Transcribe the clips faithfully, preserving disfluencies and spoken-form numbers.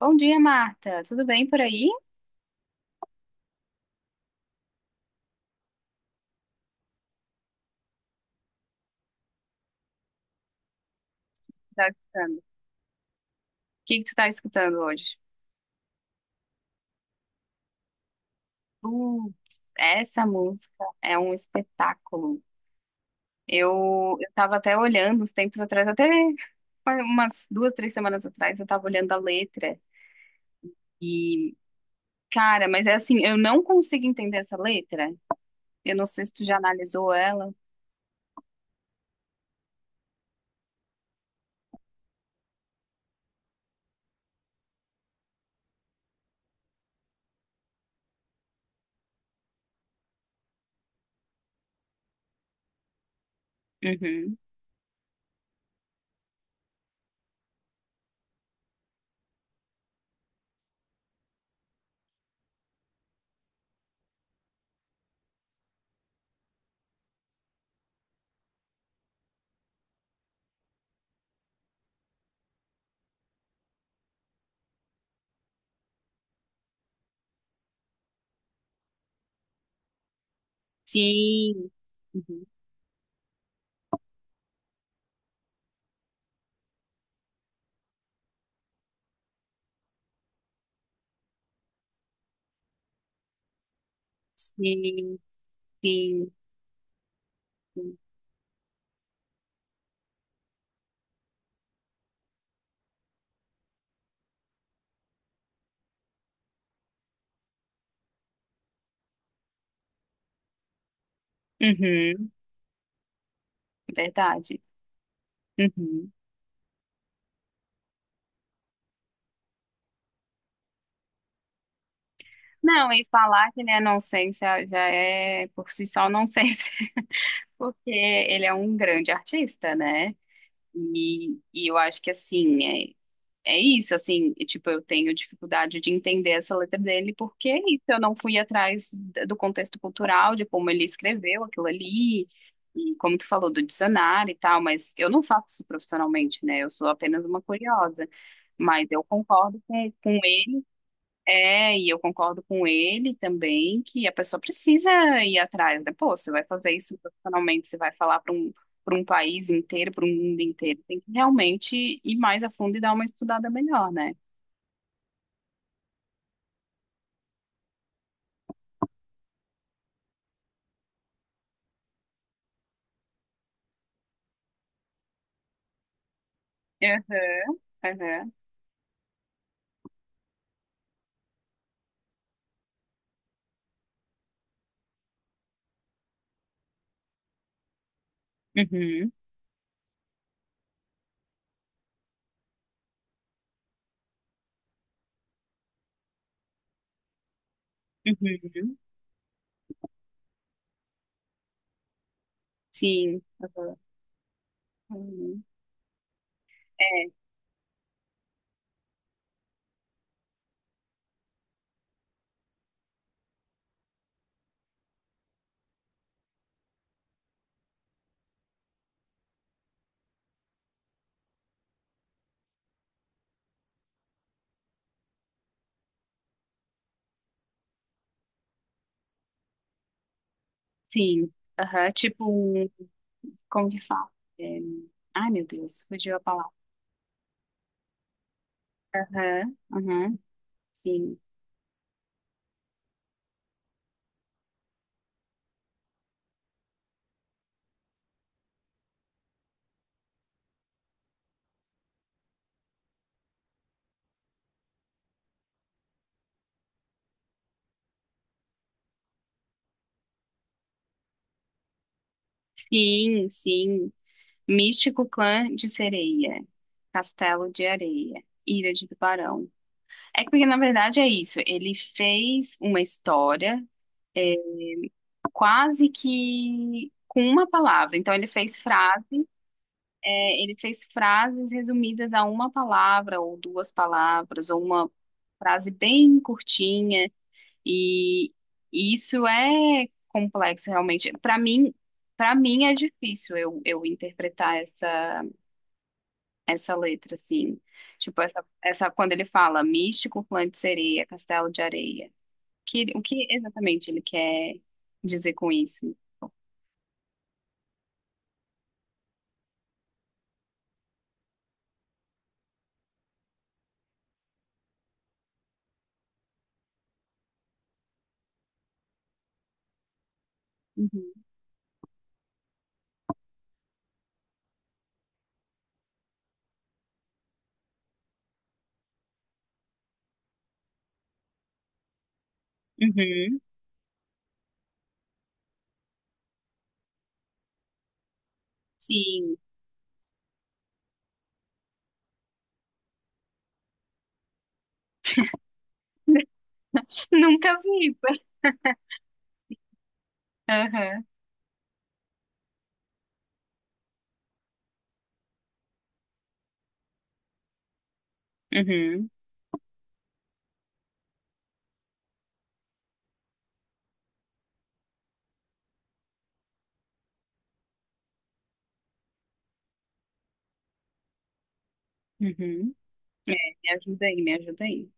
Bom dia, Marta. Tudo bem por aí? O tá escutando? O que que tu tá escutando hoje? Putz, essa música é um espetáculo. Eu, eu tava até olhando uns tempos atrás, até umas duas, três semanas atrás, eu tava olhando a letra e, cara, mas é assim, eu não consigo entender essa letra. Eu não sei se tu já analisou ela. Uhum. Sim. Uhum. Sim, sim, sim. Uhum. Verdade. Uhum. Não, e falar que ele é nonsense é, já é por si só nonsense, porque ele é um grande artista, né? E, e eu acho que assim, é, é isso, assim, e, tipo, eu tenho dificuldade de entender essa letra dele, porque é isso, eu não fui atrás d- do contexto cultural, de como ele escreveu aquilo ali, e como tu falou do dicionário e tal, mas eu não faço isso profissionalmente, né? Eu sou apenas uma curiosa. Mas eu concordo com, com é, e eu concordo com ele também que a pessoa precisa ir atrás, né? Pô, você vai fazer isso profissionalmente, você vai falar para um, para um país inteiro, para um mundo inteiro. Tem que realmente ir mais a fundo e dar uma estudada melhor, né? Aham, aham. Uhum, uhum. Sim. Aham. Uhum. É, sim. Aham. Tipo, como que fala? É, ai, meu Deus, fugiu a palavra. Aham, aham. Sim. Sim, sim. Místico Clã de Sereia, Castelo de Areia, Ilha de Tubarão. É que porque, na verdade, é isso. Ele fez uma história quase que com uma palavra. Então, ele fez frase, é, ele fez frases resumidas a uma palavra ou duas palavras, ou uma frase bem curtinha. E isso é complexo, realmente. Para mim, para mim é difícil eu, eu interpretar essa essa letra, assim. Tipo, essa, essa quando ele fala místico, clã de sereia, castelo de areia. Que, o que exatamente ele quer dizer com isso? Uhum. Uhum. Sim. Nunca vi. Aham. Uhum. Uhum. Me ajuda aí, me ajuda aí.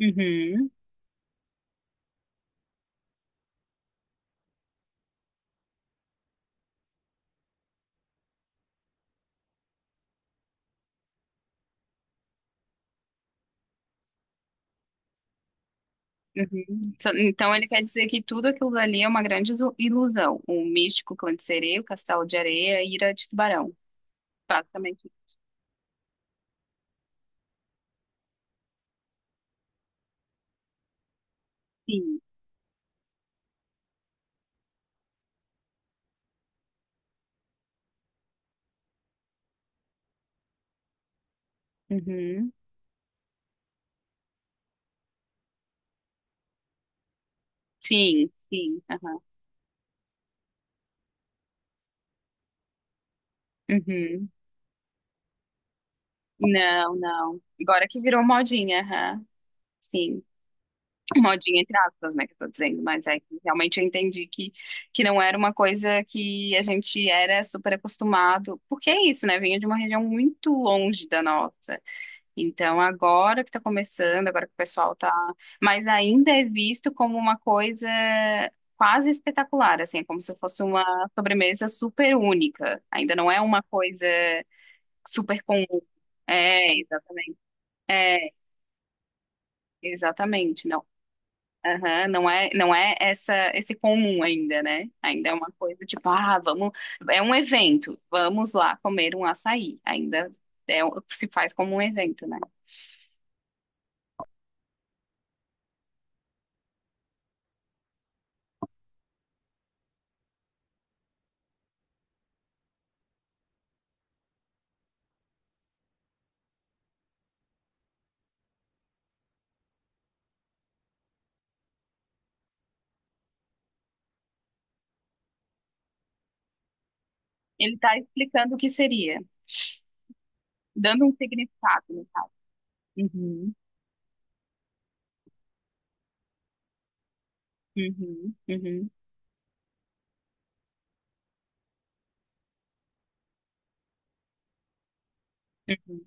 Uhum. Uhum. So- Então ele quer dizer que tudo aquilo ali é uma grande isu- ilusão. O místico clã de sereia, o castelo de areia, a ira de tubarão. Basicamente, sim. Uhum. Sim, sim. Aham. Uhum. Não, não. Agora que virou modinha, aham. Sim. Modinha entre aspas, né, que eu tô dizendo, mas é que realmente eu entendi que, que não era uma coisa que a gente era super acostumado, porque é isso, né, vinha de uma região muito longe da nossa. Então, agora que tá começando, agora que o pessoal tá, mas ainda é visto como uma coisa quase espetacular, assim, é como se fosse uma sobremesa super única. Ainda não é uma coisa super comum. É, exatamente. É. Exatamente, não. Aham, não é, não é essa esse comum ainda, né? Ainda é uma coisa tipo, ah, vamos, é um evento, vamos lá comer um açaí. Ainda é, se faz como um evento, né? Ele está explicando o que seria, dando um significado, no caso. Uhum, uhum, uhum, uhum.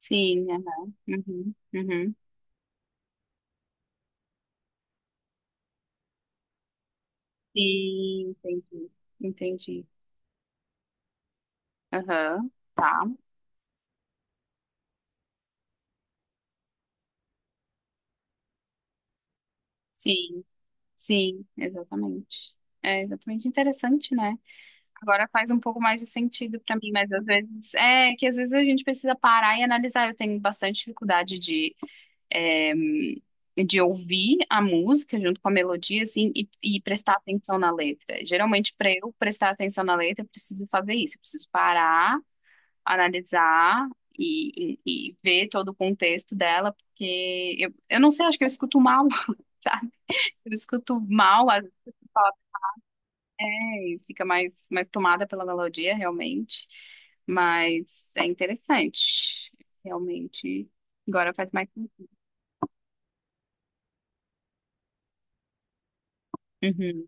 Sim, aham, uhum, uhum. Sim, entendi, entendi. Aham, tá. Sim, sim, exatamente. É exatamente interessante, né? Agora faz um pouco mais de sentido para mim, mas às vezes é que às vezes a gente precisa parar e analisar. Eu tenho bastante dificuldade de, é, de ouvir a música junto com a melodia, assim, e, e prestar atenção na letra. Geralmente, para eu prestar atenção na letra, eu preciso fazer isso. Eu preciso parar, analisar e, e, e ver todo o contexto dela, porque eu, eu não sei, acho que eu escuto mal, sabe? Eu escuto mal, às vezes, e fica mais, mais tomada pela melodia, realmente. Mas é interessante, realmente. Agora faz mais. Uhum.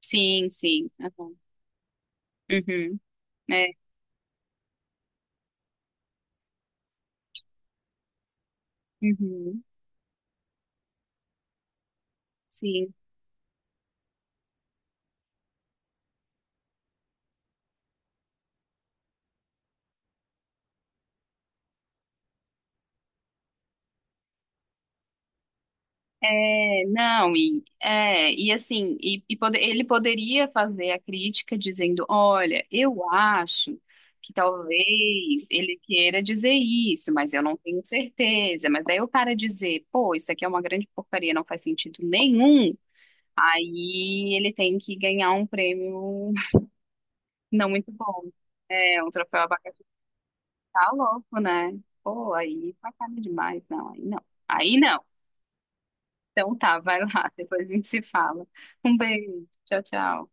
Sim, sim, aham. Uhum. É. Uhum. Sim. É, não, e, é, e assim, e, e pode- ele poderia fazer a crítica dizendo, olha, eu acho que talvez ele queira dizer isso, mas eu não tenho certeza. Mas daí o cara dizer, pô, isso aqui é uma grande porcaria, não faz sentido nenhum. Aí ele tem que ganhar um prêmio não muito bom. É, um troféu abacaxi, tá louco, né? Pô, aí sacana demais. Não, aí não. Aí não. Então tá, vai lá, depois a gente se fala. Um beijo. Tchau, tchau.